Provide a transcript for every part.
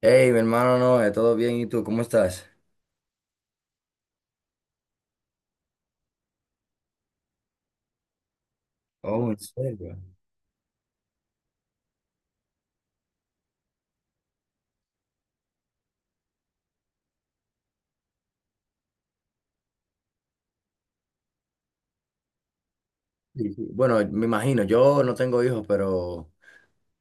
Hey, mi hermano, no, todo bien, ¿y tú? ¿Cómo estás? Oh, ¿en serio? Sí, sí. Bueno, me imagino, yo no tengo hijos, pero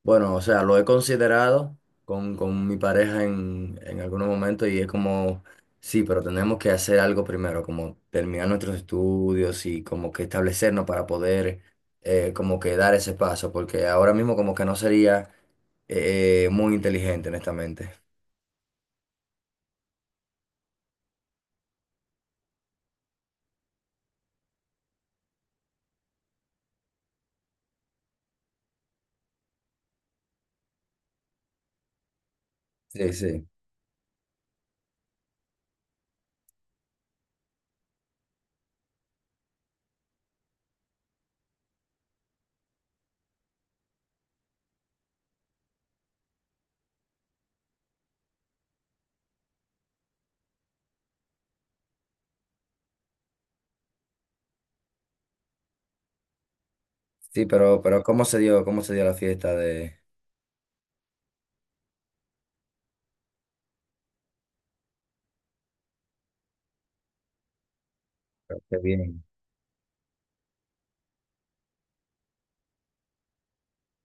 bueno, o sea, lo he considerado con mi pareja en algunos momentos y es como, sí, pero tenemos que hacer algo primero, como terminar nuestros estudios y como que establecernos para poder como que dar ese paso, porque ahora mismo como que no sería muy inteligente, honestamente. Sí, sí. Sí, pero ¿cómo se dio la fiesta de? Qué bien.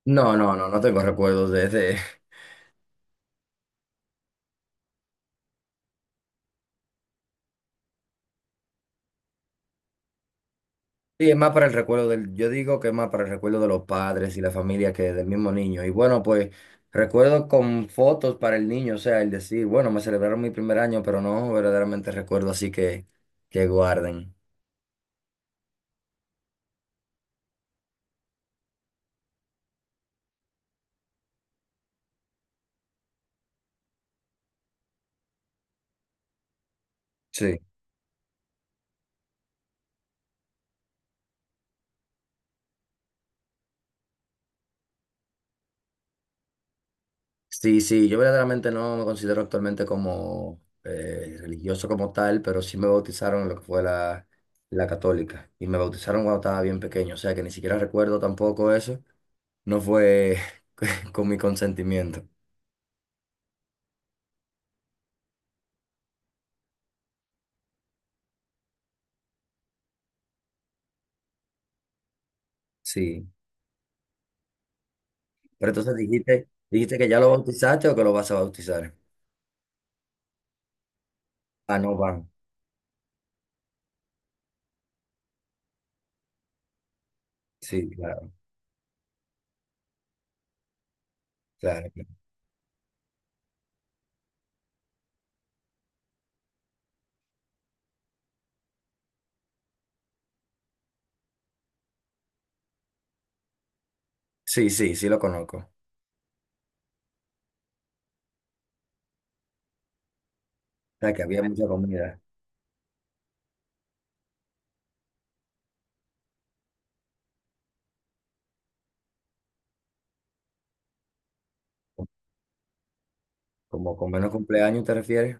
No, no, no, no tengo recuerdos de ese. Sí, es más para el recuerdo yo digo que es más para el recuerdo de los padres y la familia que del mismo niño. Y bueno, pues recuerdo con fotos para el niño, o sea, el decir, bueno, me celebraron mi primer año, pero no verdaderamente recuerdo así que guarden. Sí. Sí, sí, yo verdaderamente no me considero actualmente como religioso como tal, pero sí me bautizaron en lo que fue la católica y me bautizaron cuando estaba bien pequeño, o sea que ni siquiera recuerdo tampoco eso, no fue con mi consentimiento. Sí, pero entonces dijiste que ya lo bautizaste o que lo vas a bautizar. Ah, no van. Sí, claro, claro. Sí, sí, sí lo conozco. O sea que había mucha comida, como con menos cumpleaños te refieres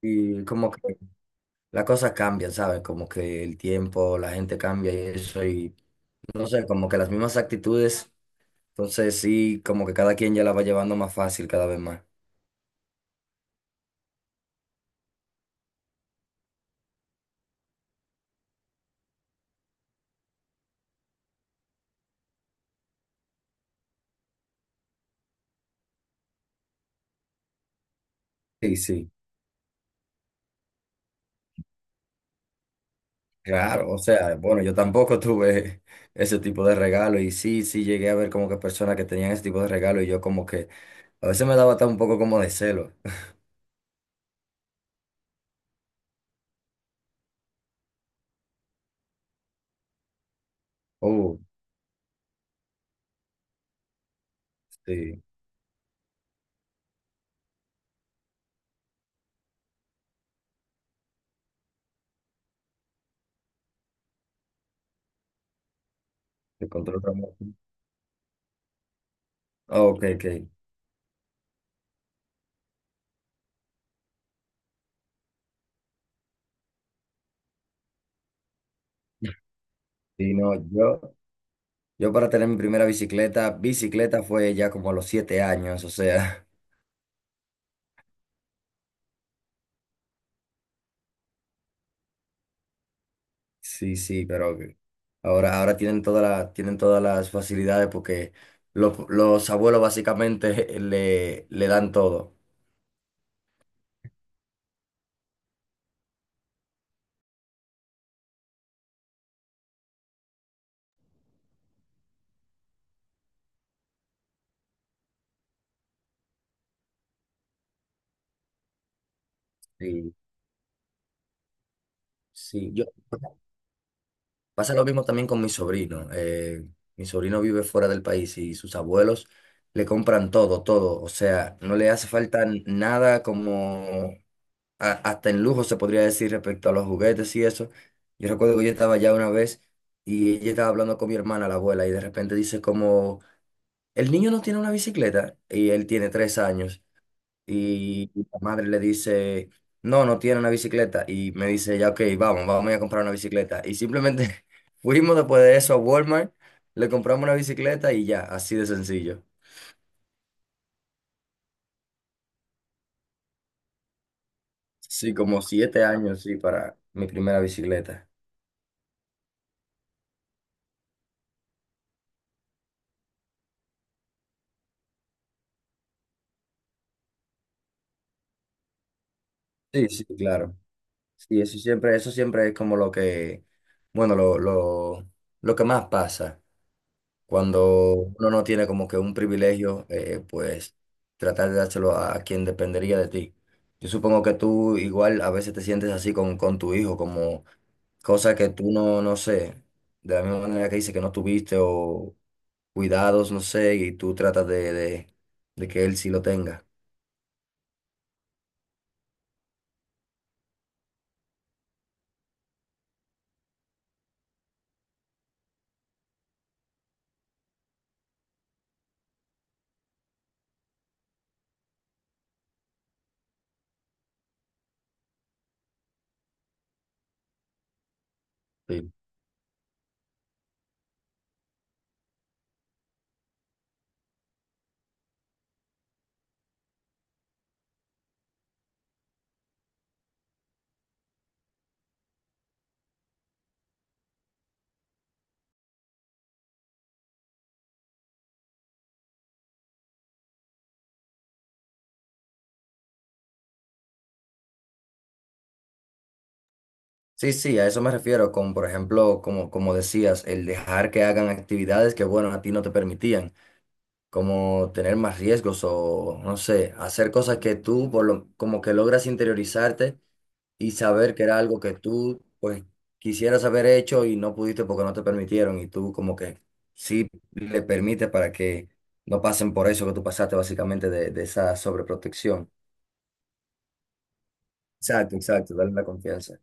y como que. Las cosas cambian, ¿sabes? Como que el tiempo, la gente cambia y eso, y no sé, como que las mismas actitudes, entonces sí, como que cada quien ya la va llevando más fácil cada vez más. Sí, sí, claro, o sea, bueno, yo tampoco tuve ese tipo de regalo y sí, sí llegué a ver como que personas que tenían ese tipo de regalo y yo como que a veces me daba hasta un poco como de celo. Oh, sí, te control remoto. Ok, ok. Sí, no, yo para tener mi primera bicicleta fue ya como a los 7 años, o sea. Sí, sí, pero que ahora tienen tienen todas las facilidades porque los abuelos básicamente le dan todo. Sí. Sí, pasa lo mismo también con mi sobrino. Mi sobrino vive fuera del país y sus abuelos le compran todo, todo. O sea, no le hace falta nada como hasta en lujo se podría decir respecto a los juguetes y eso. Yo recuerdo que yo estaba allá una vez y ella estaba hablando con mi hermana, la abuela, y de repente dice como: El niño no tiene una bicicleta y él tiene 3 años y la madre le dice, no, no tiene una bicicleta y me dice, ya, ok, vamos, vamos a comprar una bicicleta. Y simplemente fuimos después de eso a Walmart, le compramos una bicicleta y ya, así de sencillo. Sí, como 7 años, sí, para mi primera bicicleta. Sí, sí, claro. Sí, eso siempre es como lo que, bueno, lo que más pasa. Cuando uno no tiene como que un privilegio, pues tratar de dárselo a quien dependería de ti. Yo supongo que tú igual a veces te sientes así con tu hijo, como cosas que tú no sé, de la misma manera que dice que no tuviste o cuidados, no sé, y tú tratas de que él sí lo tenga. Sí. Sí, sí, a eso me refiero, con, por ejemplo, como decías, el dejar que hagan actividades que, bueno, a ti no te permitían. Como tener más riesgos o, no sé, hacer cosas que tú como que logras interiorizarte y saber que era algo que tú pues quisieras haber hecho y no pudiste porque no te permitieron y tú como que sí le permites para que no pasen por eso que tú pasaste básicamente de esa sobreprotección. Exacto, exacto, darle la confianza.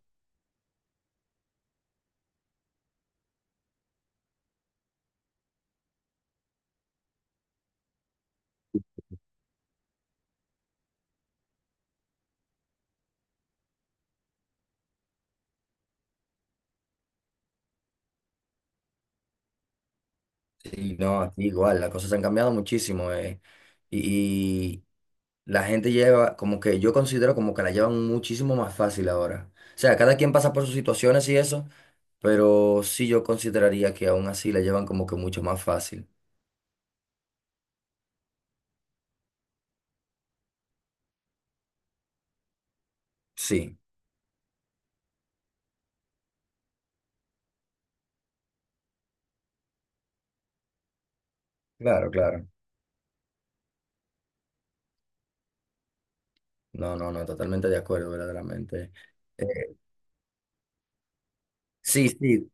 Sí, no, aquí igual, las cosas han cambiado muchísimo. Y, La gente lleva, como que yo considero como que la llevan muchísimo más fácil ahora. O sea, cada quien pasa por sus situaciones y eso, pero sí yo consideraría que aún así la llevan como que mucho más fácil. Sí, claro, claro. No, no, no, totalmente de acuerdo, verdaderamente. Eh, Sí, sí,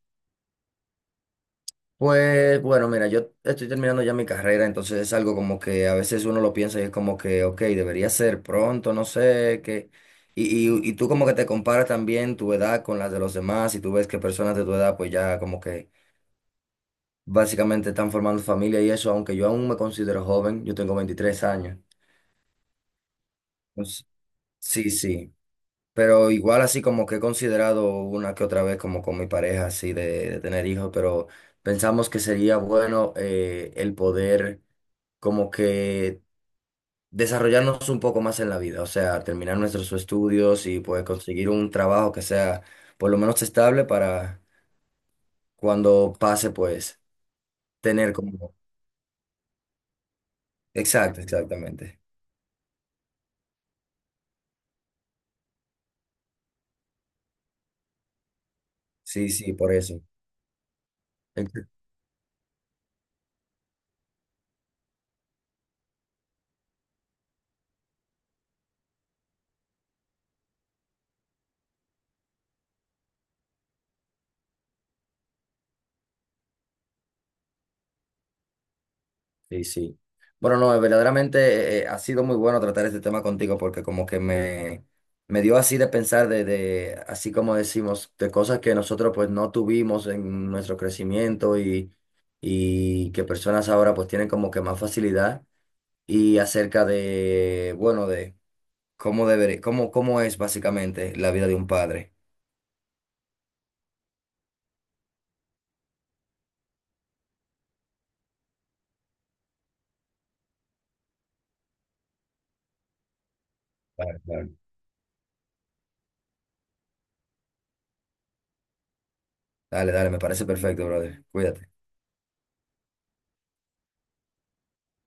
pues bueno, mira, yo estoy terminando ya mi carrera, entonces es algo como que a veces uno lo piensa y es como que, ok, debería ser pronto, no sé, que. Y tú como que te comparas también tu edad con las de los demás y tú ves que personas de tu edad pues ya como que básicamente están formando familia y eso, aunque yo aún me considero joven, yo tengo 23 años. Entonces, sí, sí, pero igual así como que he considerado una que otra vez como con mi pareja así de tener hijos, pero pensamos que sería bueno el poder como que desarrollarnos un poco más en la vida, o sea, terminar nuestros estudios y pues conseguir un trabajo que sea por lo menos estable para cuando pase, pues tener como. Exacto, exactamente. Sí, sí, por eso. Sí, sí. Bueno, no, verdaderamente ha sido muy bueno tratar este tema contigo porque como que me dio así de pensar de así como decimos, de cosas que nosotros pues no tuvimos en nuestro crecimiento y que personas ahora pues tienen como que más facilidad y acerca de, bueno, de cómo debería, cómo es básicamente la vida de un padre. Claro, claro. Dale, dale, me parece perfecto, brother. Cuídate.